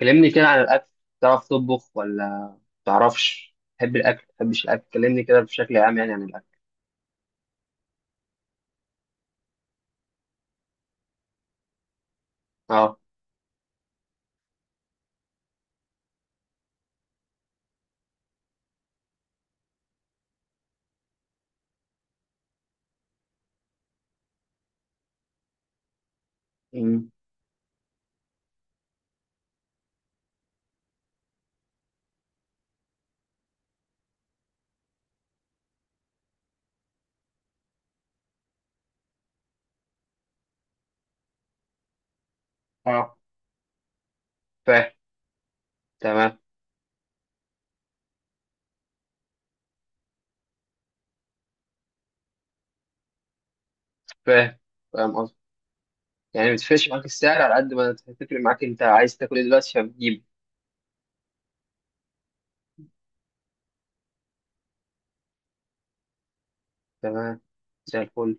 كلمني كده عن الأكل. تعرف تطبخ ولا تعرفش؟ تحب الأكل تحبش الأكل؟ كلمني كده بشكل عام يعني عن الأكل. اه. أمم. اه، فاهم. تمام، فاهم. فاهم قصدي. يعني متفرقش معاك السعر على قد ما تفرق معاك أنت عايز تاكل إيه دلوقتي فبتجيبه. تمام، زي الفل.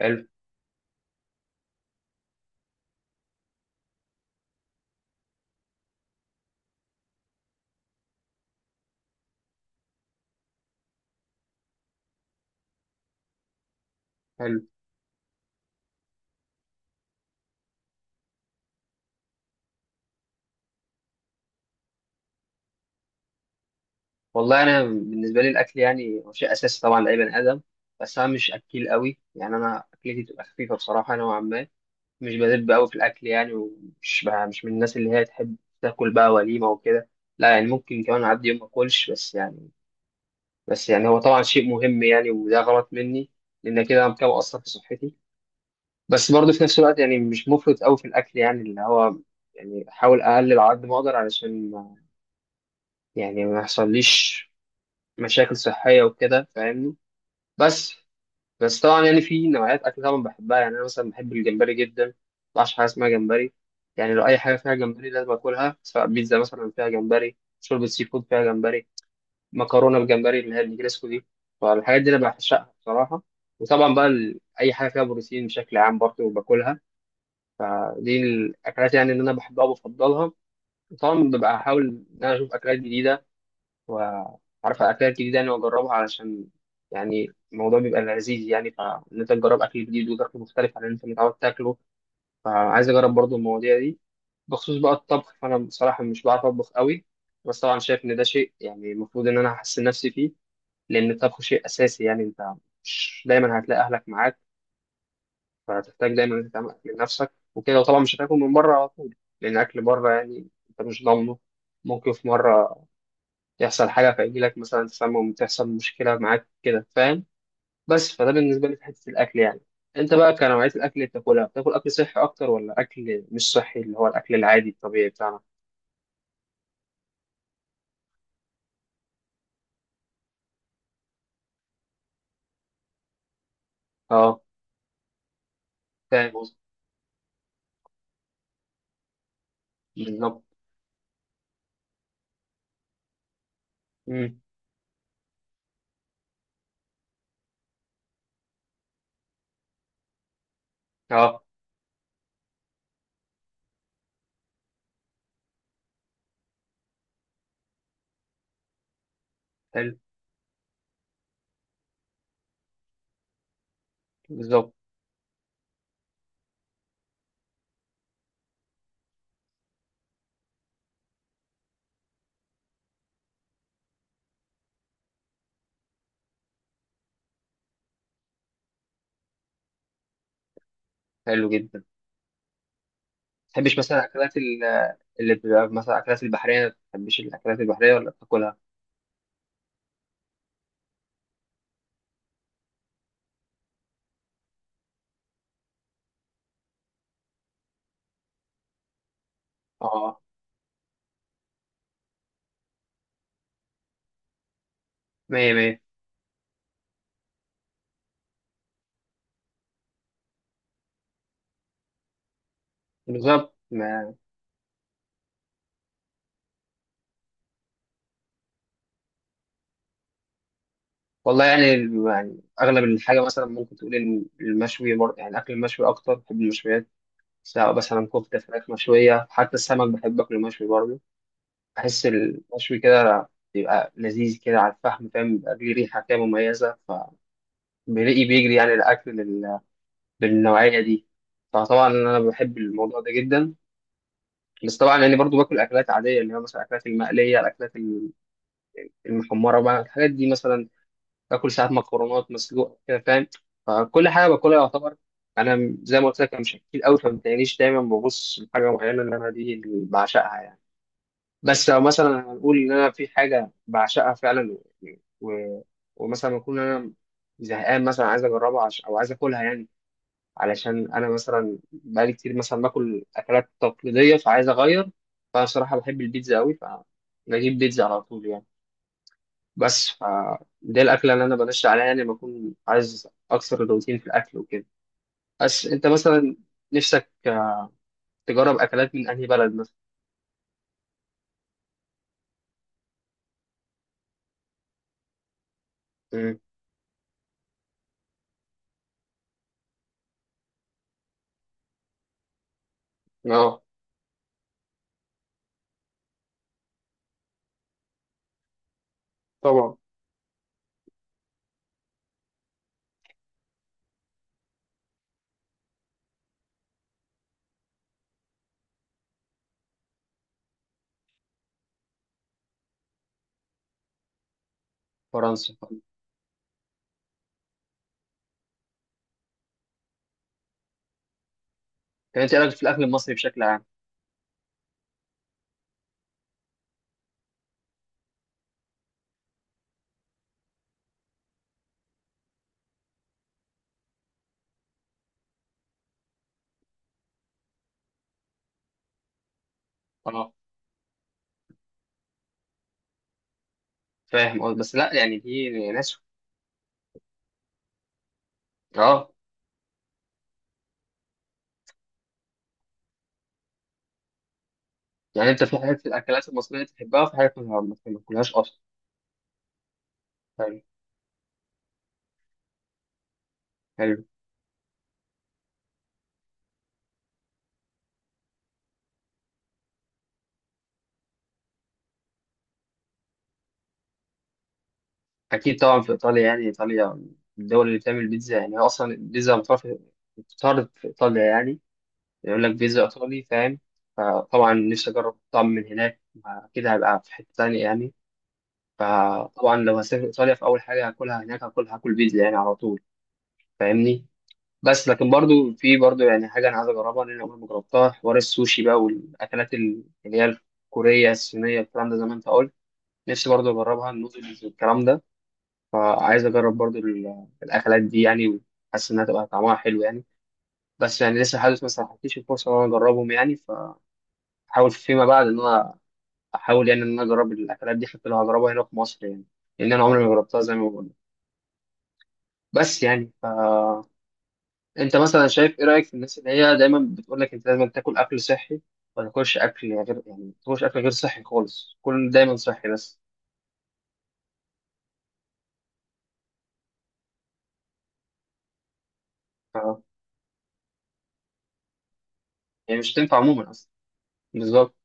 حلو. حلو، والله أنا بالنسبة لي الأكل يعني هو شيء أساسي طبعا لأي بني آدم، بس أنا مش أكيل قوي، يعني أنا أكلتي تبقى خفيفة بصراحة نوعا ما. مش بدب قوي في الاكل يعني، ومش بقى مش من الناس اللي هي تحب تاكل بقى وليمه وكده. لا يعني ممكن كمان اعدي يوم ما اكلش، بس يعني هو طبعا شيء مهم يعني، وده غلط مني لان كده انا كده مقصر في صحتي. بس برضه في نفس الوقت يعني مش مفرط قوي في الاكل، يعني اللي هو يعني احاول اقلل على قد ما اقدر علشان يعني ما يحصليش مشاكل صحيه وكده، فاهمني؟ بس بس طبعا يعني في نوعيات اكل طبعا بحبها، يعني انا مثلا بحب الجمبري جدا ما بعرفش حاجه اسمها جمبري. يعني لو اي حاجه فيها جمبري لازم اكلها، سواء بيتزا مثلا فيها جمبري، شوربه سي فود فيها جمبري، مكرونه بالجمبري اللي هي النجريسكو دي. فالحاجات دي انا بعشقها بصراحه. وطبعا بقى اي حاجه فيها بروتين بشكل عام برضه باكلها. دي الاكلات يعني اللي انا بحبها وبفضلها. وطبعا ببقى احاول ان انا اشوف اكلات جديده، وعارف الاكلات الجديده يعني واجربها علشان يعني الموضوع بيبقى لذيذ، يعني فان انت تجرب اكل جديد وتاكل مختلف عن اللي انت متعود تاكله. فعايز اجرب برضو المواضيع دي. بخصوص بقى الطبخ فانا بصراحه مش بعرف اطبخ قوي، بس طبعا شايف ان ده شيء يعني المفروض ان انا احسن نفسي فيه، لان الطبخ شيء اساسي. يعني انت مش دايما هتلاقي اهلك معاك، فهتحتاج دايما انك تعمل اكل لنفسك وكده، وطبعا مش هتاكل من بره على طول. لان اكل بره يعني انت مش ضامنه، ممكن في مره يحصل حاجة فيجيلك مثلا تسمم، تحصل مشكلة معاك كده، فاهم؟ بس فده بالنسبة لي في حتة الأكل يعني. أنت بقى كنوعية الأكل اللي بتاكلها، بتاكل أكل صحي أكتر ولا أكل مش صحي اللي هو الأكل العادي الطبيعي بتاعنا؟ أه، فاهم قصدي؟ بالظبط. أمم. أه، حلو. بالظبط. حلو جدا ما تحبش مثلا أكلات اللي بتبقى مثلا أكلات البحرية؟ ما تحبش الأكلات البحرية ولا بتاكلها؟ أه، مية مية. بالظبط والله يعني، يعني اغلب الحاجه مثلا ممكن تقول المشوي، يعني اكل المشوي. اكتر بحب المشويات، سواء مثلا كفتة، فراخ مشوية، حتى السمك بحب أكله مشوي برضه. بحس المشوي كده بيبقى لذيذ كده على الفحم، فاهم؟ بيبقى ليه ريحة كده مميزة، فبيلاقي بيجري يعني الأكل بالنوعية دي. فطبعا أنا بحب الموضوع ده جدا. بس طبعا يعني برضه باكل أكلات عادية اللي هي مثلا الأكلات المقلية، الأكلات المحمرة بقى، الحاجات دي مثلا. باكل ساعات مكرونات مسلوق كده، فاهم؟ فكل حاجة باكلها يعتبر. أنا زي ما قلت لك أنا مش أكيد أوي، فما تلاقينيش دايما ببص لحاجة معينة اللي أنا دي اللي بعشقها يعني. بس لو مثلا هنقول ان انا في حاجه بعشقها فعلا، و... ومثلا اكون انا زهقان مثلا عايز اجربها، او عايز اكلها يعني، علشان انا مثلا بقالي كتير مثلا باكل اكلات تقليديه فعايز اغير. فانا صراحه بحب البيتزا قوي، فبجيب بيتزا على طول يعني. بس ف دي الاكله اللي انا بنشا عليها يعني لما اكون عايز اكسر الروتين في الاكل وكده. بس انت مثلا نفسك تجرب اكلات من انهي بلد مثلا؟ مم. اه طبعا. فرنسا. كانت ايه رايك في الاكل المصري بشكل عام؟ اه، فاهم قصدي، بس لا يعني دي ناس. اه، يعني انت في حاجات في الاكلات المصريه تحبها، وفي حاجات ما تاكلهاش اصلا. حلو. حلو. اكيد طبعا في ايطاليا، يعني ايطاليا من الدول اللي بتعمل بيتزا، يعني هي اصلا البيتزا بتعرف، بتعرض في ايطاليا يعني، يقول لك بيتزا ايطالي، فاهم؟ فطبعا نفسي اجرب طعم من هناك، اكيد هبقى في حته تانية يعني. فطبعا لو هسافر ايطاليا في اول حاجه هاكلها هناك، هاكل بيتزا يعني على طول. فاهمني؟ بس لكن برضو في برضو يعني حاجه انا عايز اجربها لان انا عمري ما جربتها، حوار السوشي بقى والاكلات اللي هي الكوريه الصينيه، الكلام ده زي ما انت قلت. نفسي برضو اجربها، النودلز والكلام ده. عايز اجرب برضو الاكلات دي يعني، وحاسس انها تبقى طعمها حلو يعني. بس يعني لسه حاسس ما سمحتليش الفرصه ان انا اجربهم يعني، فحاول فيما بعد ان انا احاول يعني ان انا اجرب الاكلات دي حتى لو هجربها هنا في مصر يعني، لان انا عمري ما جربتها زي ما بقول. بس يعني انت مثلا شايف ايه رايك في الناس اللي هي دايما بتقول لك انت لازم تاكل اكل صحي، ما تاكلش اكل يعني غير، يعني ما تاكلش اكل غير صحي خالص، كل دايما صحي بس؟ ف... يعني مش تنفع عموما اصلا. بالظبط،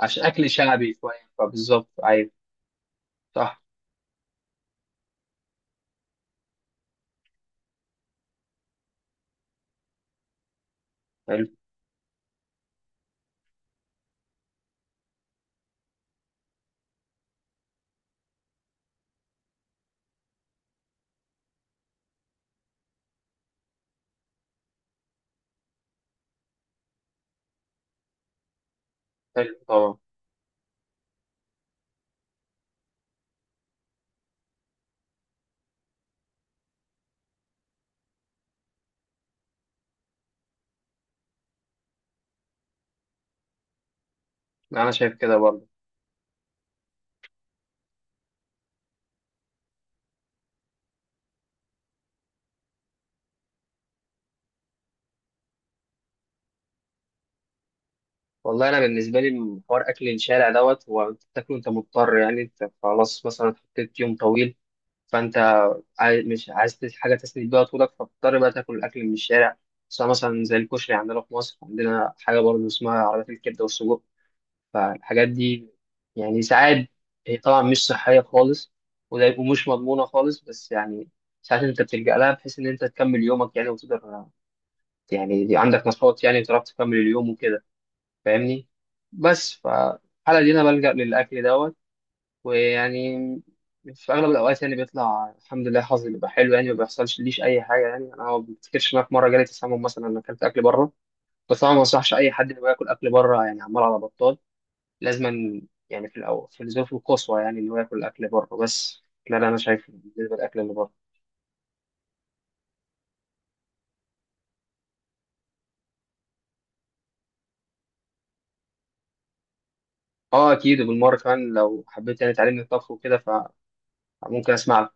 عشان اكل شعبي شويه، فبالظبط ايوه. صح. حلو. حلو طبعا. انا شايف كده برضه. والله انا بالنسبه لي حوار اكل الشارع دوت، هو انت بتاكله انت مضطر يعني، انت خلاص مثلا حطيت يوم طويل، فانت عايز، مش عايز حاجة تسند بيها طولك، فبتضطر بقى تاكل الأكل من الشارع. سواء مثلا زي الكشري عندنا في مصر، عندنا حاجة برضه اسمها عربيات الكبدة والسجق. فالحاجات دي يعني ساعات، هي طبعا مش صحية خالص، ومش مضمونة خالص، بس يعني ساعات أنت بتلجأ لها بحيث إن أنت تكمل يومك يعني وتقدر، يعني دي عندك نشاط يعني تعرف تكمل اليوم وكده، فاهمني؟ بس فالحالة دي أنا بلجأ للأكل دوت. ويعني في اغلب الاوقات يعني بيطلع الحمد لله حظي بيبقى حلو يعني، ما بيحصلش ليش اي حاجه يعني، انا ما بفتكرش ان أنا في مره جالي تسمم مثلا انا اكلت اكل بره. بس طبعا ما انصحش اي حد انه ياكل اكل بره يعني عمال على بطال، لازما يعني في الاول في الظروف القصوى يعني انه ياكل اكل بره بس. ده اللي انا شايفه بالنسبه للاكل اللي بره. اه اكيد، وبالمره كمان لو حبيت يعني تعلمني الطبخ وكده فممكن اسمع.